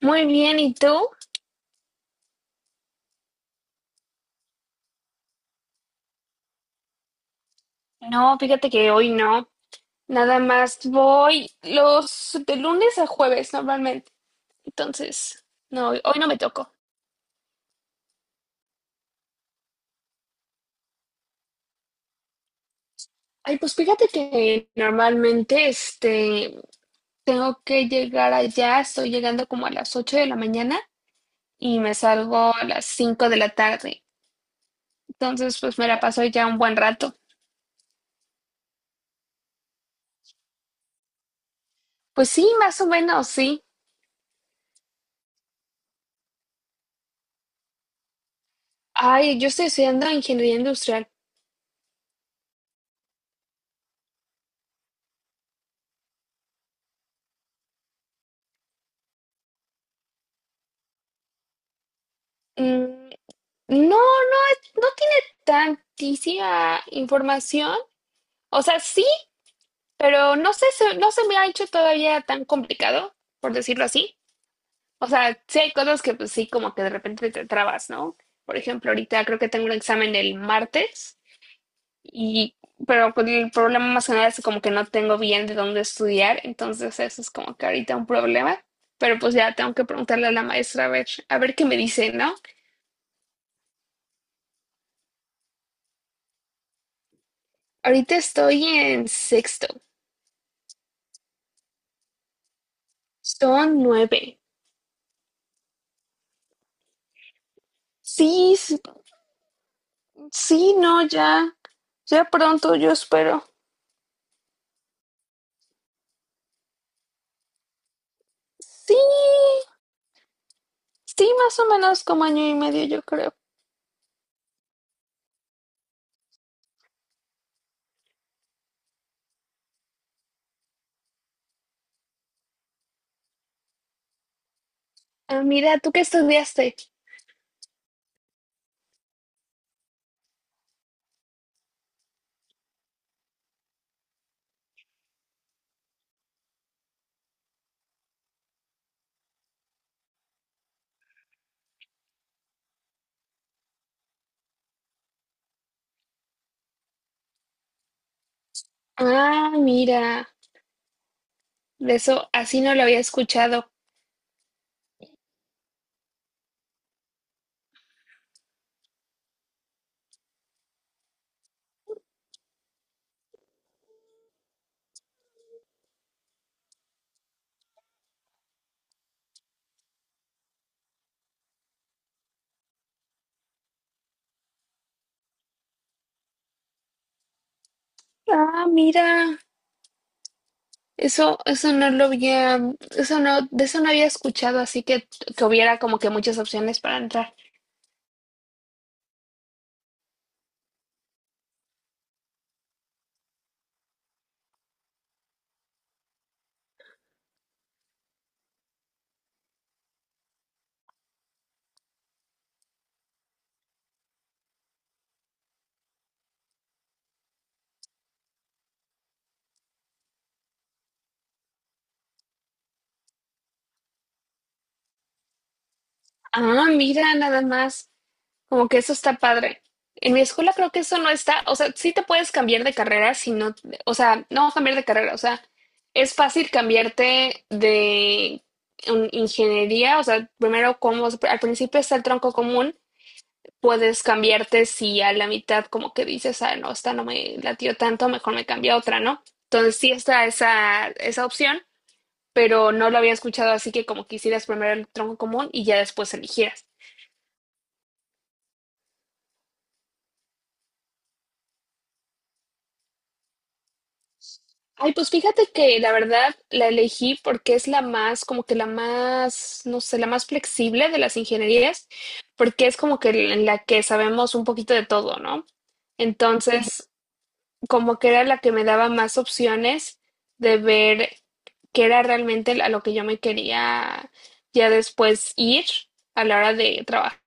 Muy bien, ¿y tú? No, fíjate que hoy no. Nada más voy los de lunes a jueves normalmente. Entonces, no, hoy no me tocó. Ay, pues fíjate que normalmente tengo que llegar allá, estoy llegando como a las 8 de la mañana y me salgo a las 5 de la tarde. Entonces, pues me la paso ya un buen rato. Pues sí, más o menos, sí. Ay, yo estoy estudiando ingeniería industrial. Mm, no, no, no tiene tantísima información. O sea, sí, pero no sé, no se me ha hecho todavía tan complicado, por decirlo así. O sea, sí hay cosas que pues sí, como que de repente te trabas, ¿no? Por ejemplo, ahorita creo que tengo un examen el martes y, pero con el problema más que nada es como que no tengo bien de dónde estudiar, entonces eso es como que ahorita un problema. Pero pues ya tengo que preguntarle a la maestra a ver qué me dice, ¿no? Ahorita estoy en sexto. Son nueve. Sí, sí, no, ya, ya pronto, yo espero. Sí, sí, más o menos como año y medio, yo creo. Ah, mira, ¿tú qué estudiaste? Ah, mira, de eso así no lo había escuchado. Ah, mira, eso no lo había, eso no, de eso no había escuchado, así que hubiera como que muchas opciones para entrar. Ah, mira, nada más. Como que eso está padre. En mi escuela creo que eso no está, o sea, sí te puedes cambiar de carrera si no, o sea, no cambiar de carrera, o sea, es fácil cambiarte de ingeniería, o sea, primero como al principio está el tronco común, puedes cambiarte si a la mitad como que dices, ah, no, esta no me latió tanto, mejor me cambio a otra, ¿no? Entonces sí está esa, esa opción, pero no lo había escuchado así que como que hicieras primero el tronco común y ya después eligieras. Ay, pues fíjate que la verdad la elegí porque es la más, como que la más, no sé, la más flexible de las ingenierías, porque es como que en la que sabemos un poquito de todo, ¿no? Entonces, como que era la que me daba más opciones de ver qué era realmente a lo que yo me quería ya después ir a la hora de trabajar.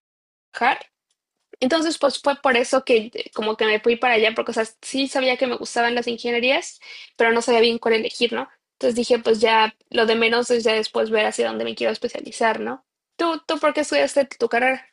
Entonces, pues fue por eso que como que me fui para allá, porque, o sea, sí sabía que me gustaban las ingenierías, pero no sabía bien cuál elegir, ¿no? Entonces dije, pues ya lo de menos es ya después ver hacia dónde me quiero especializar, ¿no? ¿Tú por qué estudiaste tu carrera?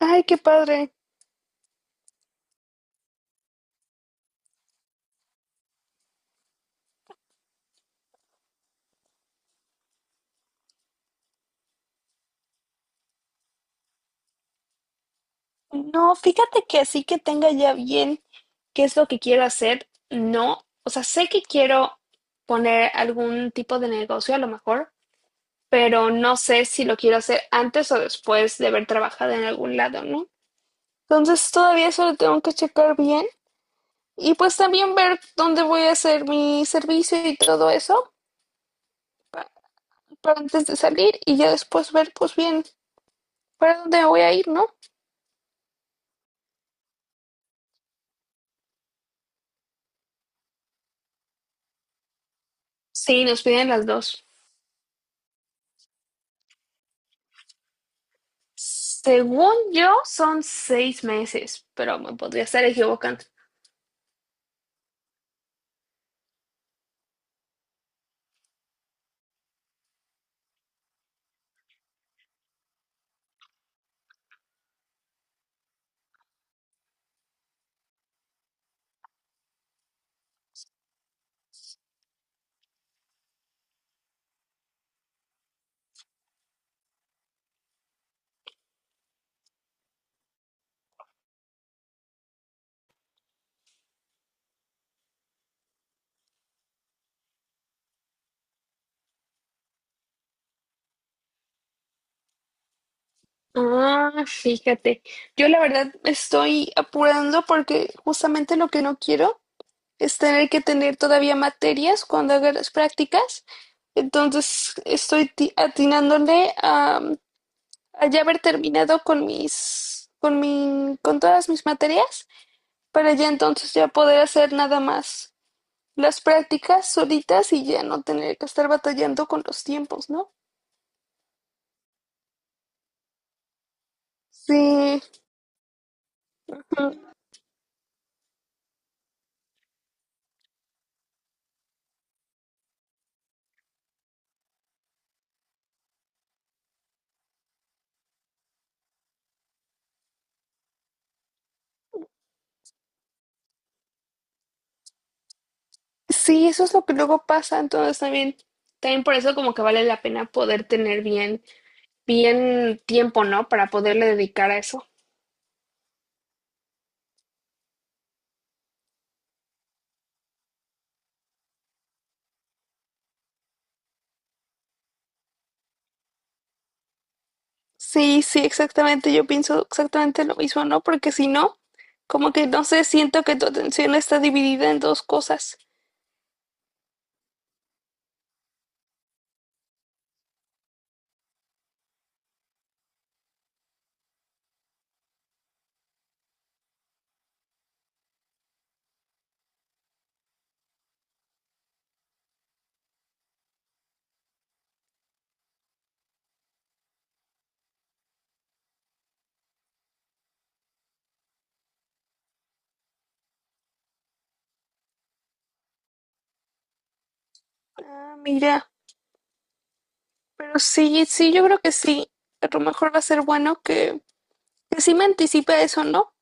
Ay, qué padre. No, fíjate que así que tenga ya bien ¿Qué es lo que quiero hacer? No, o sea, sé que quiero poner algún tipo de negocio a lo mejor, pero no sé si lo quiero hacer antes o después de haber trabajado en algún lado, ¿no? Entonces todavía eso lo tengo que checar bien y pues también ver dónde voy a hacer mi servicio y todo eso pa- para, antes de salir y ya después ver pues bien para dónde me voy a ir, ¿no? Sí, nos piden las dos. Según yo son 6 meses, pero me podría estar equivocando. Ah, fíjate, yo la verdad me estoy apurando porque justamente lo que no quiero es tener que tener todavía materias cuando haga las prácticas. Entonces estoy atinándole a ya haber terminado con todas mis materias, para ya entonces ya poder hacer nada más las prácticas solitas y ya no tener que estar batallando con los tiempos, ¿no? Sí, sí, eso es lo que luego pasa. Entonces también por eso como que vale la pena poder tener bien, bien tiempo, ¿no? Para poderle dedicar a eso. Sí, sí, exactamente. Yo pienso exactamente lo mismo, ¿no? Porque si no, como que no sé, siento que tu atención está dividida en dos cosas. Ah, mira, pero sí, sí, yo creo que sí. A lo mejor va a ser bueno que sí me anticipe a eso, ¿no?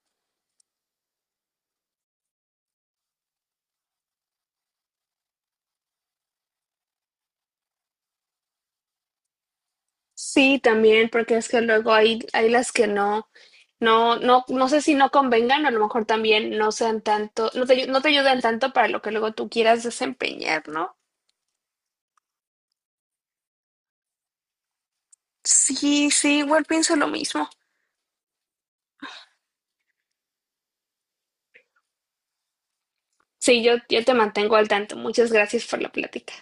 Sí, también, porque es que luego hay las que no, no, no, no sé si no convengan, o a lo mejor también no sean tanto, no te ayudan tanto para lo que luego tú quieras desempeñar, ¿no? Sí, sí, igual pienso lo mismo. Sí, yo te mantengo al tanto. Muchas gracias por la plática.